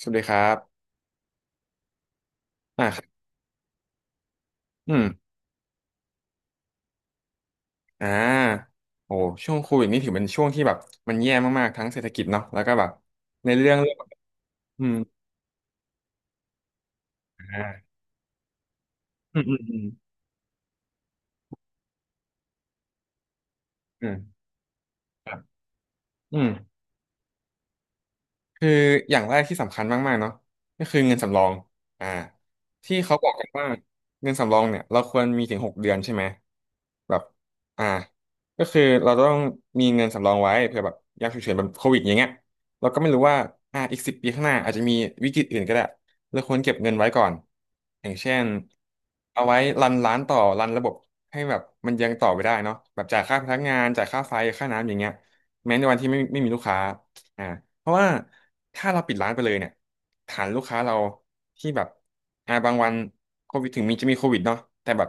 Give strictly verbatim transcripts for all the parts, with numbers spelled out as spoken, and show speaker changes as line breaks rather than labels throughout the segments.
สวัสดีครับอ่าครับอืม อ่าโอ้ช่วงโควิดนี่ถือเป็นช่วงที่แบบมันแย่มากๆ ทั้งเศรษฐกิจเนาะแล้วก็แบบในเรื่องเรื่อง อืมอ่าอืม อืม อืมอืมครับอืม คืออย่างแรกที่สำคัญมากๆเนาะก็คือเงินสำรองอ่าที่เขาบอกกันว่าเงินสำรองเนี่ยเราควรมีถึงหกเดือนใช่ไหมแบบอ่าก็คือเราต้องมีเงินสำรองไว้เผื่อแบบยามฉุกเฉินแบบโควิดอย่างเงี้ยเราก็ไม่รู้ว่าอ่าอีกสิบปีข้างหน้าอาจจะมีวิกฤตอื่นก็ได้เราควรเก็บเงินไว้ก่อนอย่างเช่นเอาไว้รันร้านต่อรันระบบให้แบบมันยังต่อไปได้เนาะแบบจ่ายค่าพนักงานจ่ายค่าไฟค่าน้ำอย่างเงี้ยแม้ในวันที่ไม่ไม่มีลูกค้า อ่าเพราะว่าถ้าเราปิดร้านไปเลยเนี่ยฐานลูกค้าเราที่แบบอ่าบางวันโควิดถึงมีจะมีโควิดเนาะแต่แบบ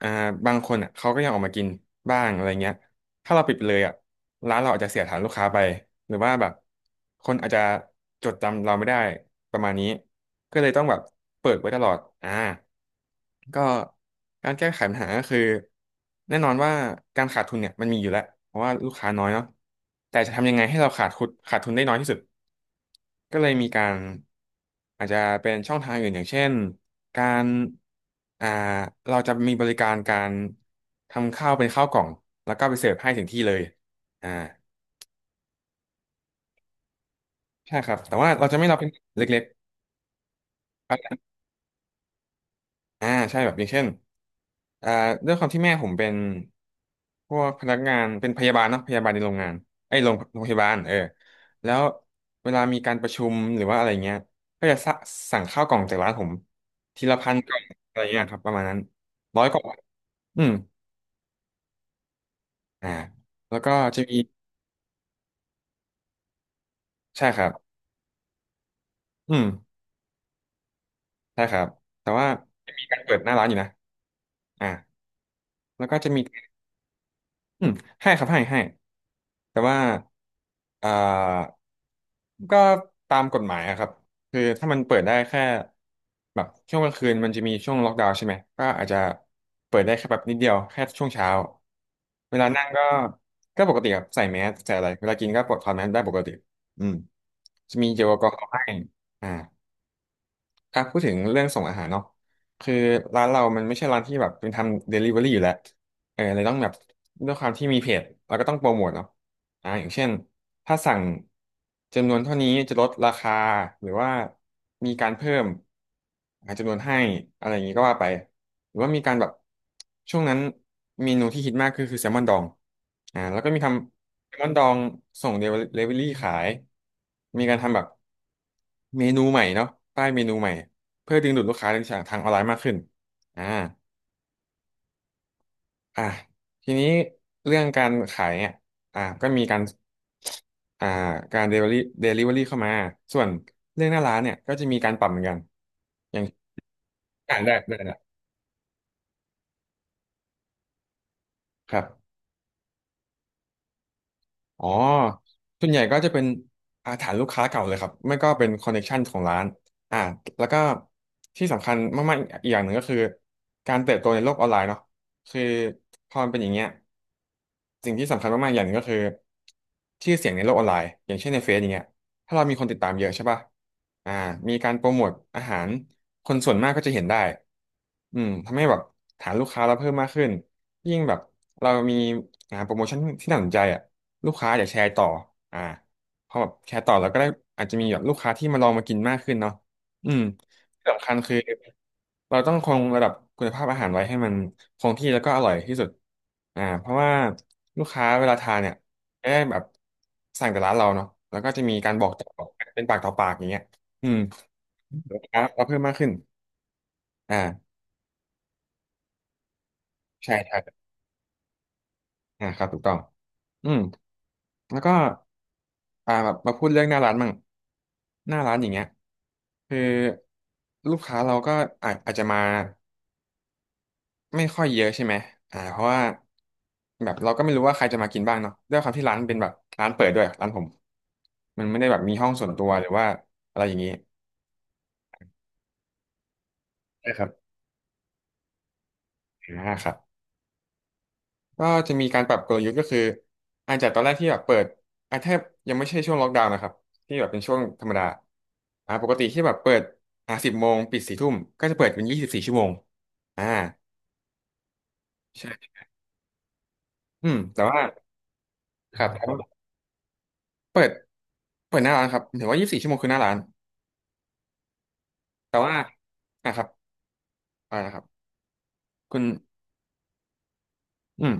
อ่าบางคนอ่ะเขาก็ยังออกมากินบ้างอะไรเงี้ยถ้าเราปิดไปเลยอ่ะร้านเราอาจจะเสียฐานลูกค้าไปหรือว่าแบบคนอาจจะจดจำเราไม่ได้ประมาณนี้ก็เลยต้องแบบเปิดไว้ตลอดอ่า ก็การแก้ไขปัญหาก็คือแน่นอนว่าการขาดทุนเนี่ยมันมีอยู่แล้วเพราะว่าลูกค้าน้อยเนาะแต่จะทำยังไงให้เราขาดทุนขาดทุนได้น้อยที่สุดก็เลยมีการอาจจะเป็นช่องทางอื่นอย่างเช่นการอ่าเราจะมีบริการการทำข้าวเป็นข้าวกล่องแล้วก็ไปเสิร์ฟให้ถึงที่เลยอ่าใช่ครับแต่ว่าเราจะไม่รับเป็นเล็กๆ อ่าใช่แบบอย่างเช่นอ่าด้วยความที่แม่ผมเป็นพวกพนักงานเป็นพยาบาลเนาะพยาบาลในโรงงานไอ้ยโรงโรงพยาบาลเออแล้วเวลามีการประชุมหรือว่าอะไรเงี้ยก็จะสะสั่งข้าวกล่องจากร้านผมทีละพันกล่องอะไรเงี้ยครับประมาณนั้นร้อยกล่องอืมอ่าแล้วก็จะมีใช่ครับอืมใช่ครับแต่ว่าจะมีการเปิดหน้าร้านอยู่นะอ่าแล้วก็จะมีอืมให้ครับให้ให้ แต่ว่าอ่าก็ตามกฎหมายอะครับคือถ้ามันเปิดได้แค่แบบช่วงกลางคืนมันจะมีช่วงล็อกดาวน์ใช่ไหมก็อาจจะเปิดได้แค่แบบนิดเดียวแค่ช่วงเช้าเวลานั่งก็ก็ปกติครับใส่แมสใส่อะไรเวลากินก็ปลดถอดแมสได้ปกติอืมจะมีเจลแอลกอฮอล์ให้อ่าอ่ะพูดถึงเรื่องส่งอาหารเนาะคือร้านเรามันไม่ใช่ร้านที่แบบเป็นทำเดลิเวอรี่อยู่แล้วเออเลยต้องแบบด้วยความที่มีเพจเราก็ต้องโปรโมทเนาะ อ่าอย่างเช่นถ้าสั่งจำนวนเท่านี้จะลดราคาหรือว่ามีการเพิ่มอ่าจำนวนให้อะไรอย่างนี้ก็ว่าไปหรือว่ามีการแบบช่วงนั้นเมนูที่ฮิตมากคือคือแซลมอนดองอ่าแล้วก็มีทำแซลมอนดองส่งเดลิเวอรี่ขายมีการทำแบบเมนูใหม่เนาะป้ายเมนูใหม่เพื่อดึงดูดลูกค้าทางออนไลน์มากขึ้นอ่า อ่ะทีนี้เรื่องการขายเนี่ยอ่ะก็มีการอ่าการเดลิเวอรี่เเข้ามาส่วนเรื่องหน้าร้านเนี่ยก็จะมีการปรับเหมือนกันอย่างอ่านได้ได้ละครับอ๋อส่วนใหญ่ก็จะเป็นอาฐานลูกค้าเก่าเลยครับไม่ก็เป็นคอนเน c t ชันของร้านอ่าแล้วก็ที่สำคัญมากๆอีกอย่างหนึ่งก็คือการเติบโตในโลกออนไลน์เนาะคือพอมันเป็นอย่างเงี้ยสิ่งที่สำคัญมากๆอย่างหนึ่งก็คือชื่อเสียงในโลกออนไลน์อย่างเช่นในเฟซอย่างเงี้ย ถ้าเรามีคนติดตามเยอะใช่ป่ะอ่ามีการโปรโมทอาหาร คนส่วนมากก็จะเห็นได้อืมทำให้แบบฐานลูกค้าเราเพิ่มมากขึ้นยิ่งแบบเรามีอ่าโปรโมชั่นที่น่าสนใจอ่ะลูกค้าอยากแชร์ต่ออ่าพอแบบแชร์ต่อเราก็ได้อาจจะมีแบบลูกค้าที่มาลองมากินมากขึ้นเนาะอืมที่สำคัญคือเราต้องคงระดับคุณภาพอาหารไว้ให้มันคงที่แล้วก็อร่อยที่สุดอ่าเพราะว่าลูกค้าเวลาทานเนี่ย ได้แบบสั่งแต่ร้านเราเนาะแล้วก็จะมีการบอกต่อเป็นปากต่อปากอย่างเงี้ยอืมลูกค้าเราเพิ่มมากขึ้นอ่าใช่ใช่อ่าครับถูกต้องอืมแล้วก็อ่าแบบมาพูดเรื่องหน้าร้านมั่ง หน้าร้านอย่างเงี้ยคือลูกค้าเราก็อาจอาจจะมาไม่ค่อยเยอะใช่ไหมอ่าเพราะว่าแบบเราก็ไม่รู้ว่าใครจะมากินบ้างเนาะด้วยความที่ร้านเป็นแบบร้านเปิดด้วยร้านผมมันไม่ได้แบบมีห้องส่วนตัวหรือว่าอะไรอย่างงี้ใช่ครับอ่าครับ ก็จะมีการปรับกลยุทธ์ก็คืออาจจะตอนแรกที่แบบเปิดอาจจะยังไม่ใช่ช่วงล็อกดาวน์นะครับที่แบบเป็นช่วงธรรมดาอ่าปกติที่แบบเปิดอ่าสิบโมงปิดสี่ทุ่มก็จะเปิดเป็นยี่สิบสี่ชั่วโมงอ่าใช่อืมแต่ว่าครับแต่ว่าเปิดเปิดหน้าร้านครับถือว่ายี่สิบสี่ชั่วโมงคือหน้าร้านแต่ว่าอ่ะครับอ่านะครับคุณอืม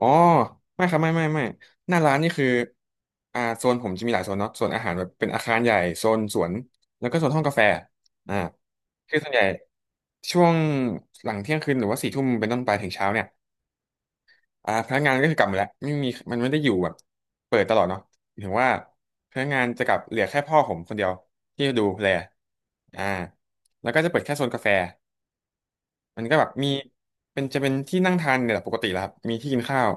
อ๋อไม่ครับไม่ไม่ไม่หน้าร้านนี่คืออ่าโซนผมจะมีหลายโซนเนาะโซนอาหารแบบเป็นอาคารใหญ่โซนสวนแล้วก็โซนห้องกาแฟอ่าคือส่วนใหญ่ช่วงหลังเที่ยงคืนหรือว่าสี่ทุ่มเป็นต้นไปถึงเช้าเนี่ยอ่าพนักงานก็คือกลับหมดแล้วไม่มีมันไม่ได้อยู่แบบเปิดตลอดเนาะถึงว่าพนักงานจะกลับเหลือแค่พ่อผมคนเดียวที่ดูแลอ่าแล้วก็จะเปิดแค่โซนกาแฟ มันก็แบบมีเป็นจะเป็นที่นั่งทานเนี่ยแหละปกติแหลวครับมีที่กินข้าว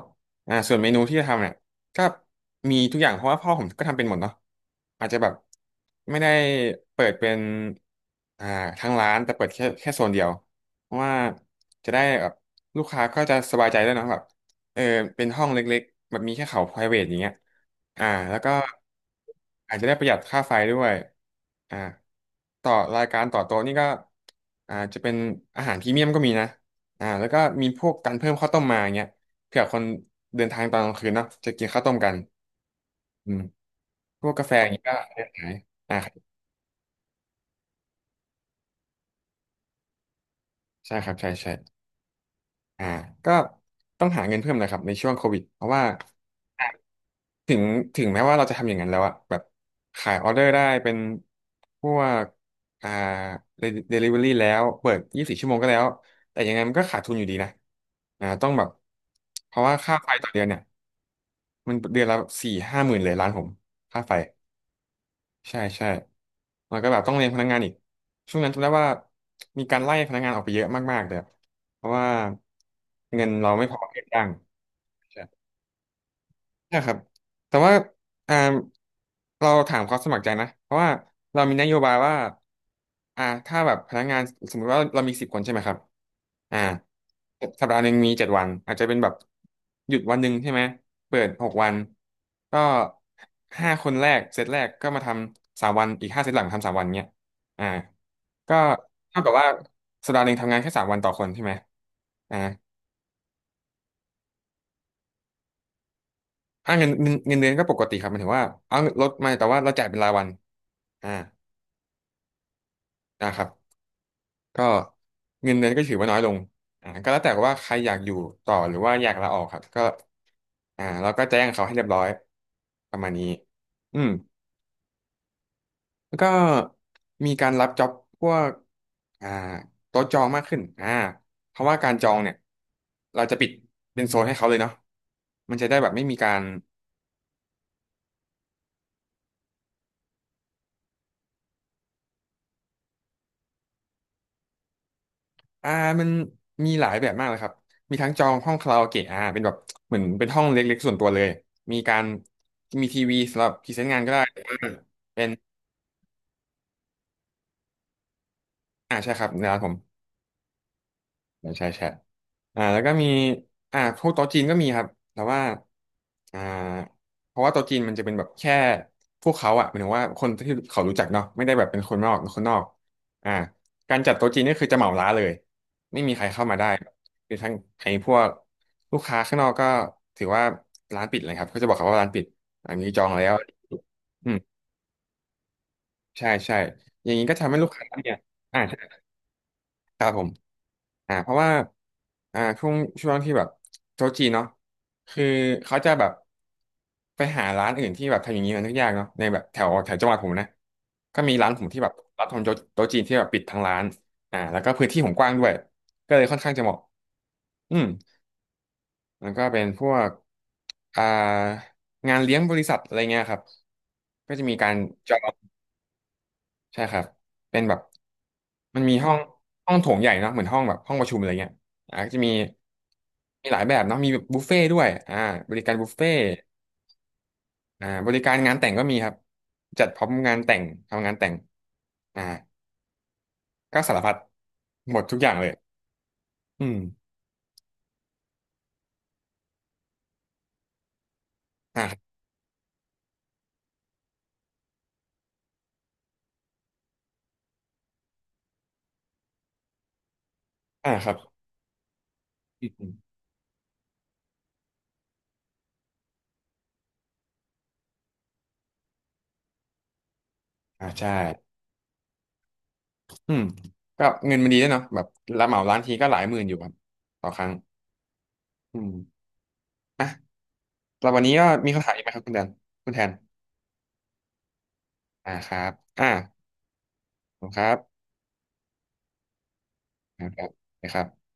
อ่าส่วนเมนูที่จะทำเนี่ยก็มีทุกอย่างเพราะว่าพ่อผมก็ทำเป็นหมดเนาะอาจจะแบบไม่ได้เปิดเป็นอ่าทั้งร้านแต่เปิดแค่แค่โซนเดียวเพราะว่าจะได้แบบลูกค้าก็จะสบายใจด้วยเนอะแบบ เออเป็นห้องเล็กๆแบบมีแค่เขา private อย่างเงี้ยอ่าแล้วก็อาจจะได้ประหยัดค่าไฟด้วยอ่าต่อรายการต่อโต๊ะนี่ก็อ่าจะเป็นอาหารพรีเมียมก็มีนะอ่าแล้วก็มีพวกการเพิ่มข้าวต้มมาอย่างเงี้ยเผื่อคนเดินทางตอนกลางคืนเนาะจะกินข้าวต้มกันอืมพวกกาแฟอย่างเงี้ยก็ได้ขายอ่าใช่ครับใช่ใช่อ่าก็ต้องหาเงินเพิ่มนะครับในช่วงโควิดเพราะว่า ถึงถึงแม้ว่าเราจะทำอย่างนั้นแล้วอะแบบขายออเดอร์ได้เป็นพวกอ่าเดลิเวอรี่แล้วเปิดยี่สิบสี่ชั่วโมงก็แล้วแต่ยังไงมันก็ขาดทุนอยู่ดีนะอ่าต้องแบบเพราะว่าค่าไฟต่อเดือนเนี่ยมันเดือนละสี่ห้าหมื่นเลยล้านผมค่าไฟใช่ใช่แล้วก็แบบต้องเลี้ยงพนักงานอีกช่วงนั้นจำได้ว่ามีการไล่พนักงานออกไปเยอะมากๆเลยอะเพราะว่าเงินเราไม่พอให้จ้าง นะครับแต่ว่าอ่าเราถามความสมัครใจนะ เพราะว่าเรามีนโยบายว่าอ่าถ้าแบบพนักงานสมมติว่าเรามีสิบคนใช่ไหมครับอ่าสัปดาห์หนึ่งมีเจ็ดวันอาจจะเป็นแบบหยุดวันหนึ่งใช่ไหมเปิดหกวันก็ห้าคนแรกเซตแรกก็มาทำสามวันอีกห้าเซตหลังทำสามวันเนี้ยอ่าก็เท่ากับว่าสัปดาห์หนึ่งทำงานแค่สามวันต่อคนใช่ไหมอ่าอ่าเงินเงินเงินเดือนก็ปกติครับหมายถึงว่าเอาลดมาแต่ว่าเราจ่ายเป็นรายวัน อ่านะครับก็เงินเดือนก็ถือว่าน้อยลงอ่าก็แล้วแต่ว่าใครอยากอยู่ต่อหรือว่าอยากลาออกครับก็อ่าเราก็แจ้งเขาให้เรียบร้อยประมาณนี้อืมแล้วก็มีการรับจ็อบพวกอ่าโต๊ะจองมากขึ้นอ่าเพราะว่าการจองเนี่ยเราจะปิดเป็นโซนให้เขาเลยเนาะมันจะได้แบบไม่มีการ อ่ามันมีหลายแบบมากเลยครับมีทั้งจองห้องคาราโอเกะอ่าเป็นแบบเหมือนเป็นห้องเล็กๆส่วนตัวเลยมีการมีทีวีสำหรับพรีเซนต์งานก็ได้แต่ว่าเป็นอ่าใช่ครับในร้านผม ไม่ใช่แชทอ่าแล้วก็มีอ่าพวกโต๊ะจีนก็มีครับ แต่ว่าอ่าเพราะว่าโต๊ะจีนมันจะเป็นแบบแค่พวกเขาอะหมายถึงว่าคนที่เขารู้จักเนาะไม่ได้แบบเป็นคนนอกคนนอกอ่าการจัดโต๊ะจีนนี่คือจะเหมาร้านเลย ไม่มีใครเข้ามาได้คือทั้งไอ้พวกลูกค้าข้างนอกก็ถือว่าร้านปิดเลยครับเขาจะบอกเขาว่าร้านปิดอันนี้จองแล้วอืมใช่ใช่อย่างนี้ก็ทำให้ลูกค้าเนี่ย ครับผมอ่าเพราะว่าอ่าช่วงช่วงที่แบบโต๊ะจีนเนาะคือเขาจะแบบไปหาร้านอื่นที่แบบทำอย่างนี้มันยากเนาะในแบบแถวแถวจังหวัดผมนะก็มีร้านผมที่แบบรับทำโต๊ะโต๊ะจีนที่แบบปิดทั้งร้านอ่าแล้วก็พื้นที่ผมกว้างด้วยก็เลยค่อนข้างจะเหมาะอืมมันก็เป็นพวกอ่างานเลี้ยงบริษัทอะไรเงี้ยครับก็จะมีการจอง ใช่ครับเป็นแบบมันมีห้องห้องโถงใหญ่เนาะเหมือนห้องแบบห้องประชุมอะไรเงี้ยอ่าก็จะมีมีหลายแบบเนาะมีแบบบุฟเฟ่ด้วยอ่าบริการบุฟเฟ่อ่าบริการงานแต่งก็มีครับจัดพร้อมงานแต่งทำงานแต่งอ่าก็สารพัดหมดทุกอย่างเลยอืมอ่าอ่าครับอืมอ่าใช่อืมก็เงินมันดีด้วยเนาะแบบเราเหมาร้านทีก็หลายหมื่นอยู่ครับต่อครั้งอืมอ่ะแล้ววันนี้ก็มีคำถามอีกไหมครับคุณแดนคุณแทนอ่าครับอ่าขอบคุณครับ นะครับนะครับ